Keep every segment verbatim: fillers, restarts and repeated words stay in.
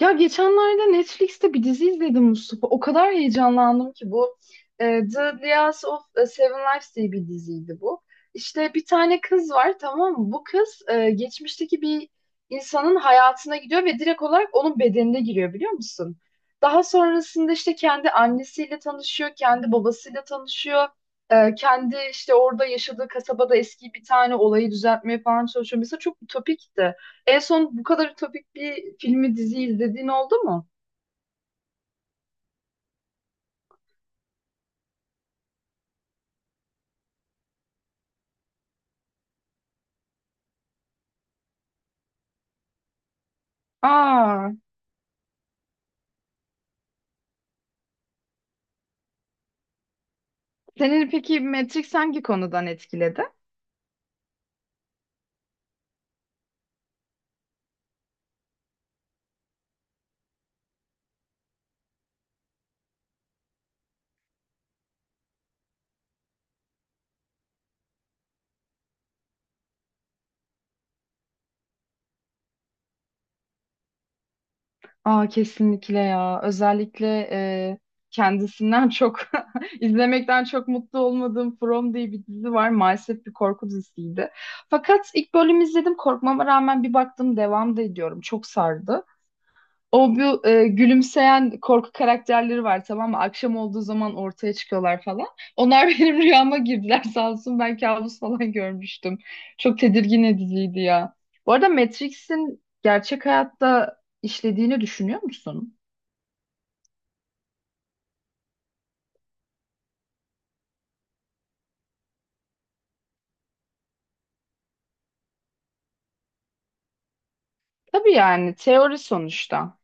Ya geçenlerde Netflix'te bir dizi izledim Mustafa. O kadar heyecanlandım ki bu e, The Lias of e, Seven Lives diye bir diziydi bu. İşte bir tane kız var, tamam mı? Bu kız e, geçmişteki bir insanın hayatına gidiyor ve direkt olarak onun bedenine giriyor, biliyor musun? Daha sonrasında işte kendi annesiyle tanışıyor, kendi babasıyla tanışıyor. E, kendi işte orada yaşadığı kasabada eski bir tane olayı düzeltmeye falan çalışıyor. Mesela çok ütopikti. En son bu kadar ütopik bir filmi dizi izlediğin oldu mu? Aa, senin peki Matrix hangi konudan etkiledi? Aa, kesinlikle ya. Özellikle e, kendisinden çok izlemekten çok mutlu olmadığım From diye bir dizi var. Maalesef bir korku dizisiydi. Fakat ilk bölümü izledim. Korkmama rağmen bir baktım devam da ediyorum. Çok sardı. O bu e, gülümseyen korku karakterleri var, tamam mı? Akşam olduğu zaman ortaya çıkıyorlar falan. Onlar benim rüyama girdiler sağ olsun. Ben kabus falan görmüştüm. Çok tedirgin ediciydi ya. Bu arada Matrix'in gerçek hayatta işlediğini düşünüyor musun? Tabii yani teori sonuçta.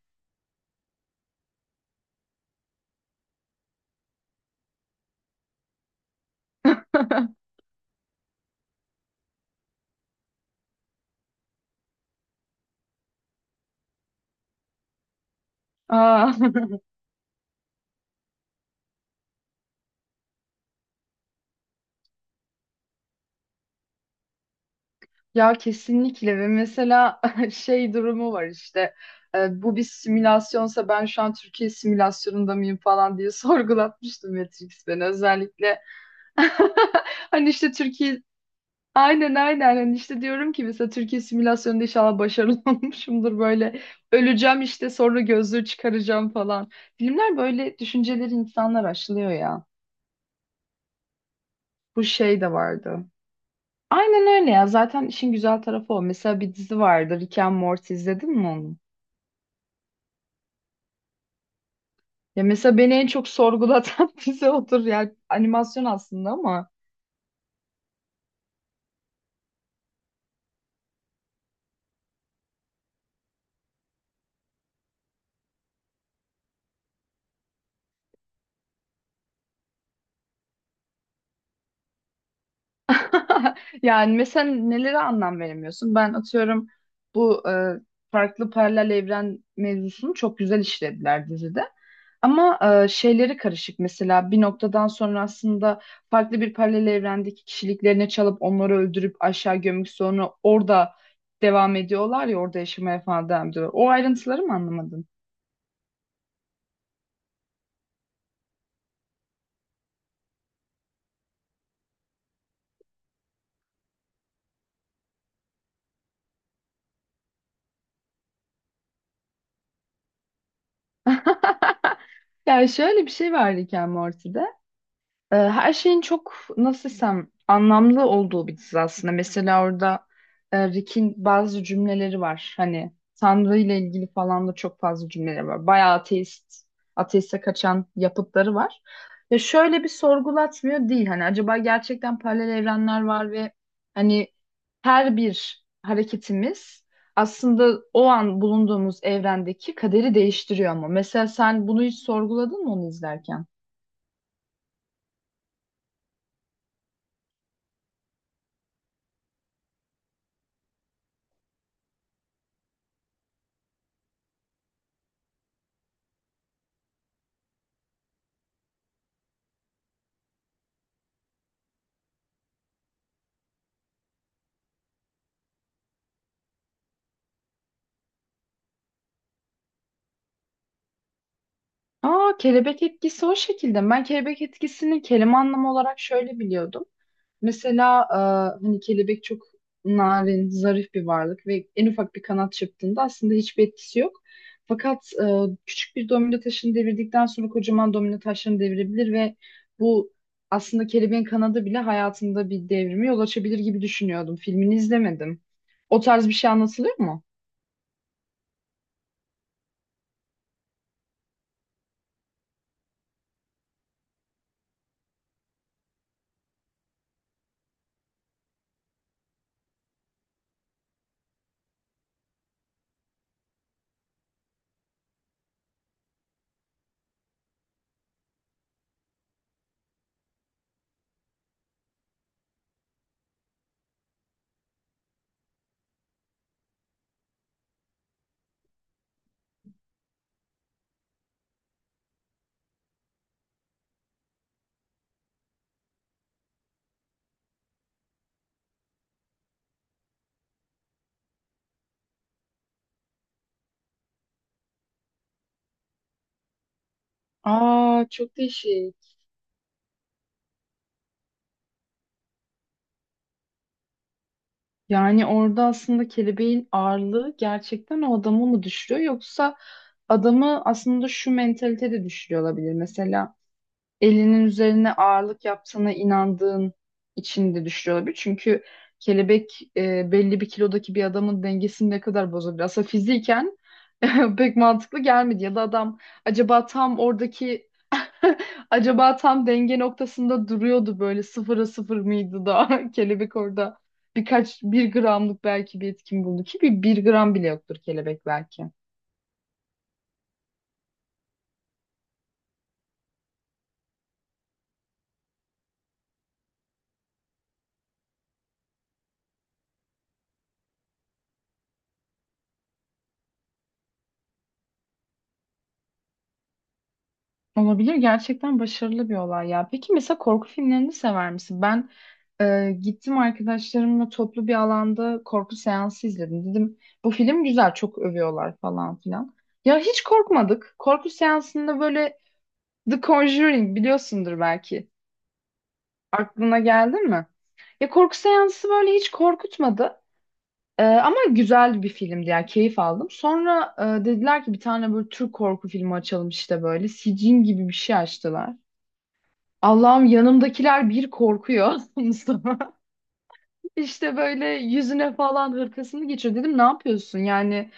Aa. Ya kesinlikle ve mesela şey durumu var işte, e, bu bir simülasyonsa ben şu an Türkiye simülasyonunda mıyım falan diye sorgulatmıştım Matrix beni özellikle. Hani işte Türkiye aynen aynen hani işte diyorum ki mesela Türkiye simülasyonunda inşallah başarılı olmuşumdur böyle, öleceğim işte sonra gözlüğü çıkaracağım falan. Filmler böyle düşünceleri insanlar aşılıyor ya, bu şey de vardı. Aynen öyle ya. Zaten işin güzel tarafı o. Mesela bir dizi vardı. Rick and Morty izledin mi onu? Ya mesela beni en çok sorgulatan dizi odur. Yani animasyon aslında ama. Yani mesela nelere anlam veremiyorsun? Ben atıyorum bu e, farklı paralel evren mevzusunu çok güzel işlediler dizide. Ama e, şeyleri karışık mesela bir noktadan sonra aslında farklı bir paralel evrendeki kişiliklerini çalıp onları öldürüp aşağı gömüp sonra orada devam ediyorlar ya, orada yaşamaya falan devam ediyorlar. O ayrıntıları mı anlamadın? Ya şöyle bir şey var Rick and Morty'de. Ee, Her şeyin çok nasıl desem anlamlı olduğu bir dizi aslında. Mesela orada e, Rick'in bazı cümleleri var. Hani Tanrı ile ilgili falan da çok fazla cümleleri var. Bayağı ateist, ateiste kaçan yapıtları var. Ve şöyle bir sorgulatmıyor değil. Hani acaba gerçekten paralel evrenler var ve hani her bir hareketimiz aslında o an bulunduğumuz evrendeki kaderi değiştiriyor ama. Mesela sen bunu hiç sorguladın mı onu izlerken? Aa, kelebek etkisi o şekilde. Ben kelebek etkisini kelime anlamı olarak şöyle biliyordum. Mesela e, hani kelebek çok narin, zarif bir varlık ve en ufak bir kanat çırptığında aslında hiçbir etkisi yok. Fakat e, küçük bir domino taşını devirdikten sonra kocaman domino taşlarını devirebilir ve bu aslında kelebeğin kanadı bile hayatında bir devrimi yol açabilir gibi düşünüyordum. Filmini izlemedim. O tarz bir şey anlatılıyor mu? Aa, çok değişik. Yani orada aslında kelebeğin ağırlığı gerçekten o adamı mı düşürüyor, yoksa adamı aslında şu mentalite de düşürüyor olabilir. Mesela elinin üzerine ağırlık yaptığına inandığın için de düşürüyor olabilir. Çünkü kelebek e, belli bir kilodaki bir adamın dengesini ne kadar bozabilir. Aslında fiziken pek mantıklı gelmedi, ya da adam acaba tam oradaki acaba tam denge noktasında duruyordu böyle sıfıra sıfır mıydı da kelebek orada birkaç bir gramlık belki bir etkin buldu ki bir, bir gram bile yoktur kelebek belki. Olabilir, gerçekten başarılı bir olay ya. Peki mesela korku filmlerini sever misin? Ben e, gittim arkadaşlarımla toplu bir alanda korku seansı izledim. Dedim bu film güzel çok övüyorlar falan filan. Ya hiç korkmadık. Korku seansında böyle The Conjuring biliyorsundur belki. Aklına geldi mi? Ya korku seansı böyle hiç korkutmadı. Ee, ama güzel bir filmdi yani keyif aldım. Sonra e, dediler ki bir tane böyle Türk korku filmi açalım işte böyle. Sicin gibi bir şey açtılar. Allah'ım yanımdakiler bir korkuyor Mustafa. İşte böyle yüzüne falan hırkasını geçiyor. Dedim ne yapıyorsun? Yani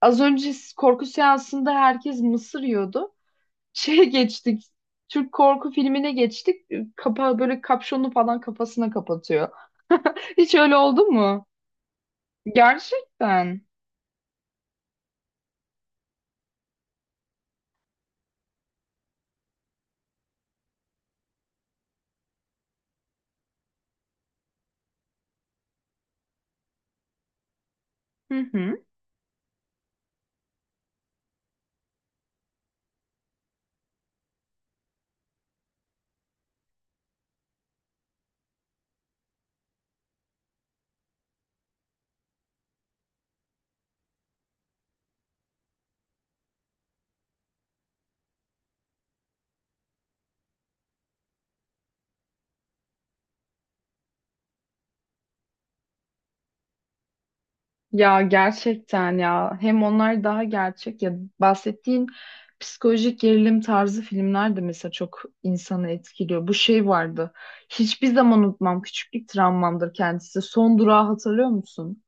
az önce korku seansında herkes mısır yiyordu. Şeye geçtik. Türk korku filmine geçtik. Kapağı böyle kapşonu falan kafasına kapatıyor. Hiç öyle oldu mu? Gerçekten. Hı hı. Ya gerçekten ya. Hem onlar daha gerçek ya, bahsettiğin psikolojik gerilim tarzı filmler de mesela çok insanı etkiliyor. Bu şey vardı. Hiçbir zaman unutmam. Küçüklük travmamdır kendisi. Son Durağı hatırlıyor musun?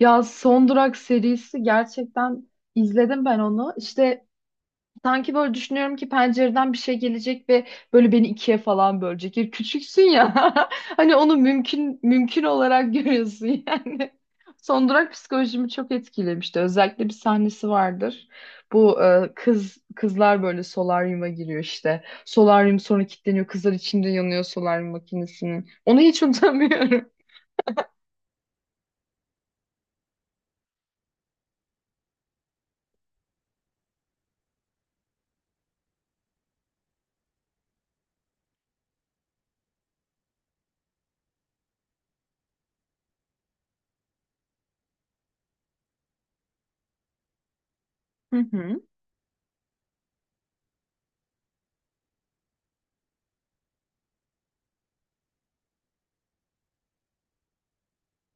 Ya Son Durak serisi, gerçekten izledim ben onu. İşte sanki böyle düşünüyorum ki pencereden bir şey gelecek ve böyle beni ikiye falan bölecek. Ya küçüksün ya. Hani onu mümkün mümkün olarak görüyorsun yani. Son Durak psikolojimi çok etkilemişti. Özellikle bir sahnesi vardır. Bu e, kız kızlar böyle solaryuma giriyor işte. Solaryum sonra kilitleniyor. Kızlar içinde yanıyor solaryum makinesinin. Onu hiç unutamıyorum. Hı hı.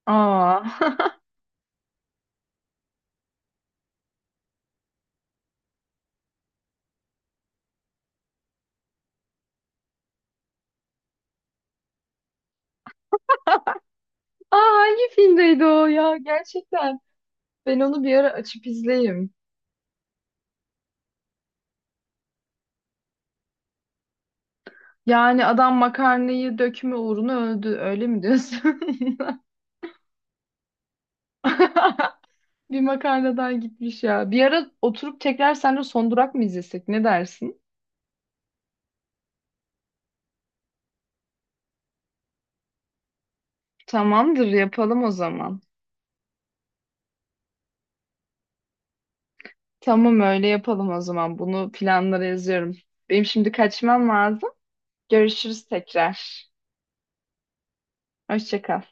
Aa. Aa, hangi filmdeydi o ya? Gerçekten. Ben onu bir ara açıp izleyeyim. Yani adam makarnayı dökme uğruna öldü. Öyle mi diyorsun? Bir makarnadan gitmiş ya. Bir ara oturup tekrar seninle Son Durak mı izlesek? Ne dersin? Tamamdır, yapalım o zaman. Tamam öyle yapalım o zaman. Bunu planlara yazıyorum. Benim şimdi kaçmam lazım. Görüşürüz tekrar. Hoşça kal.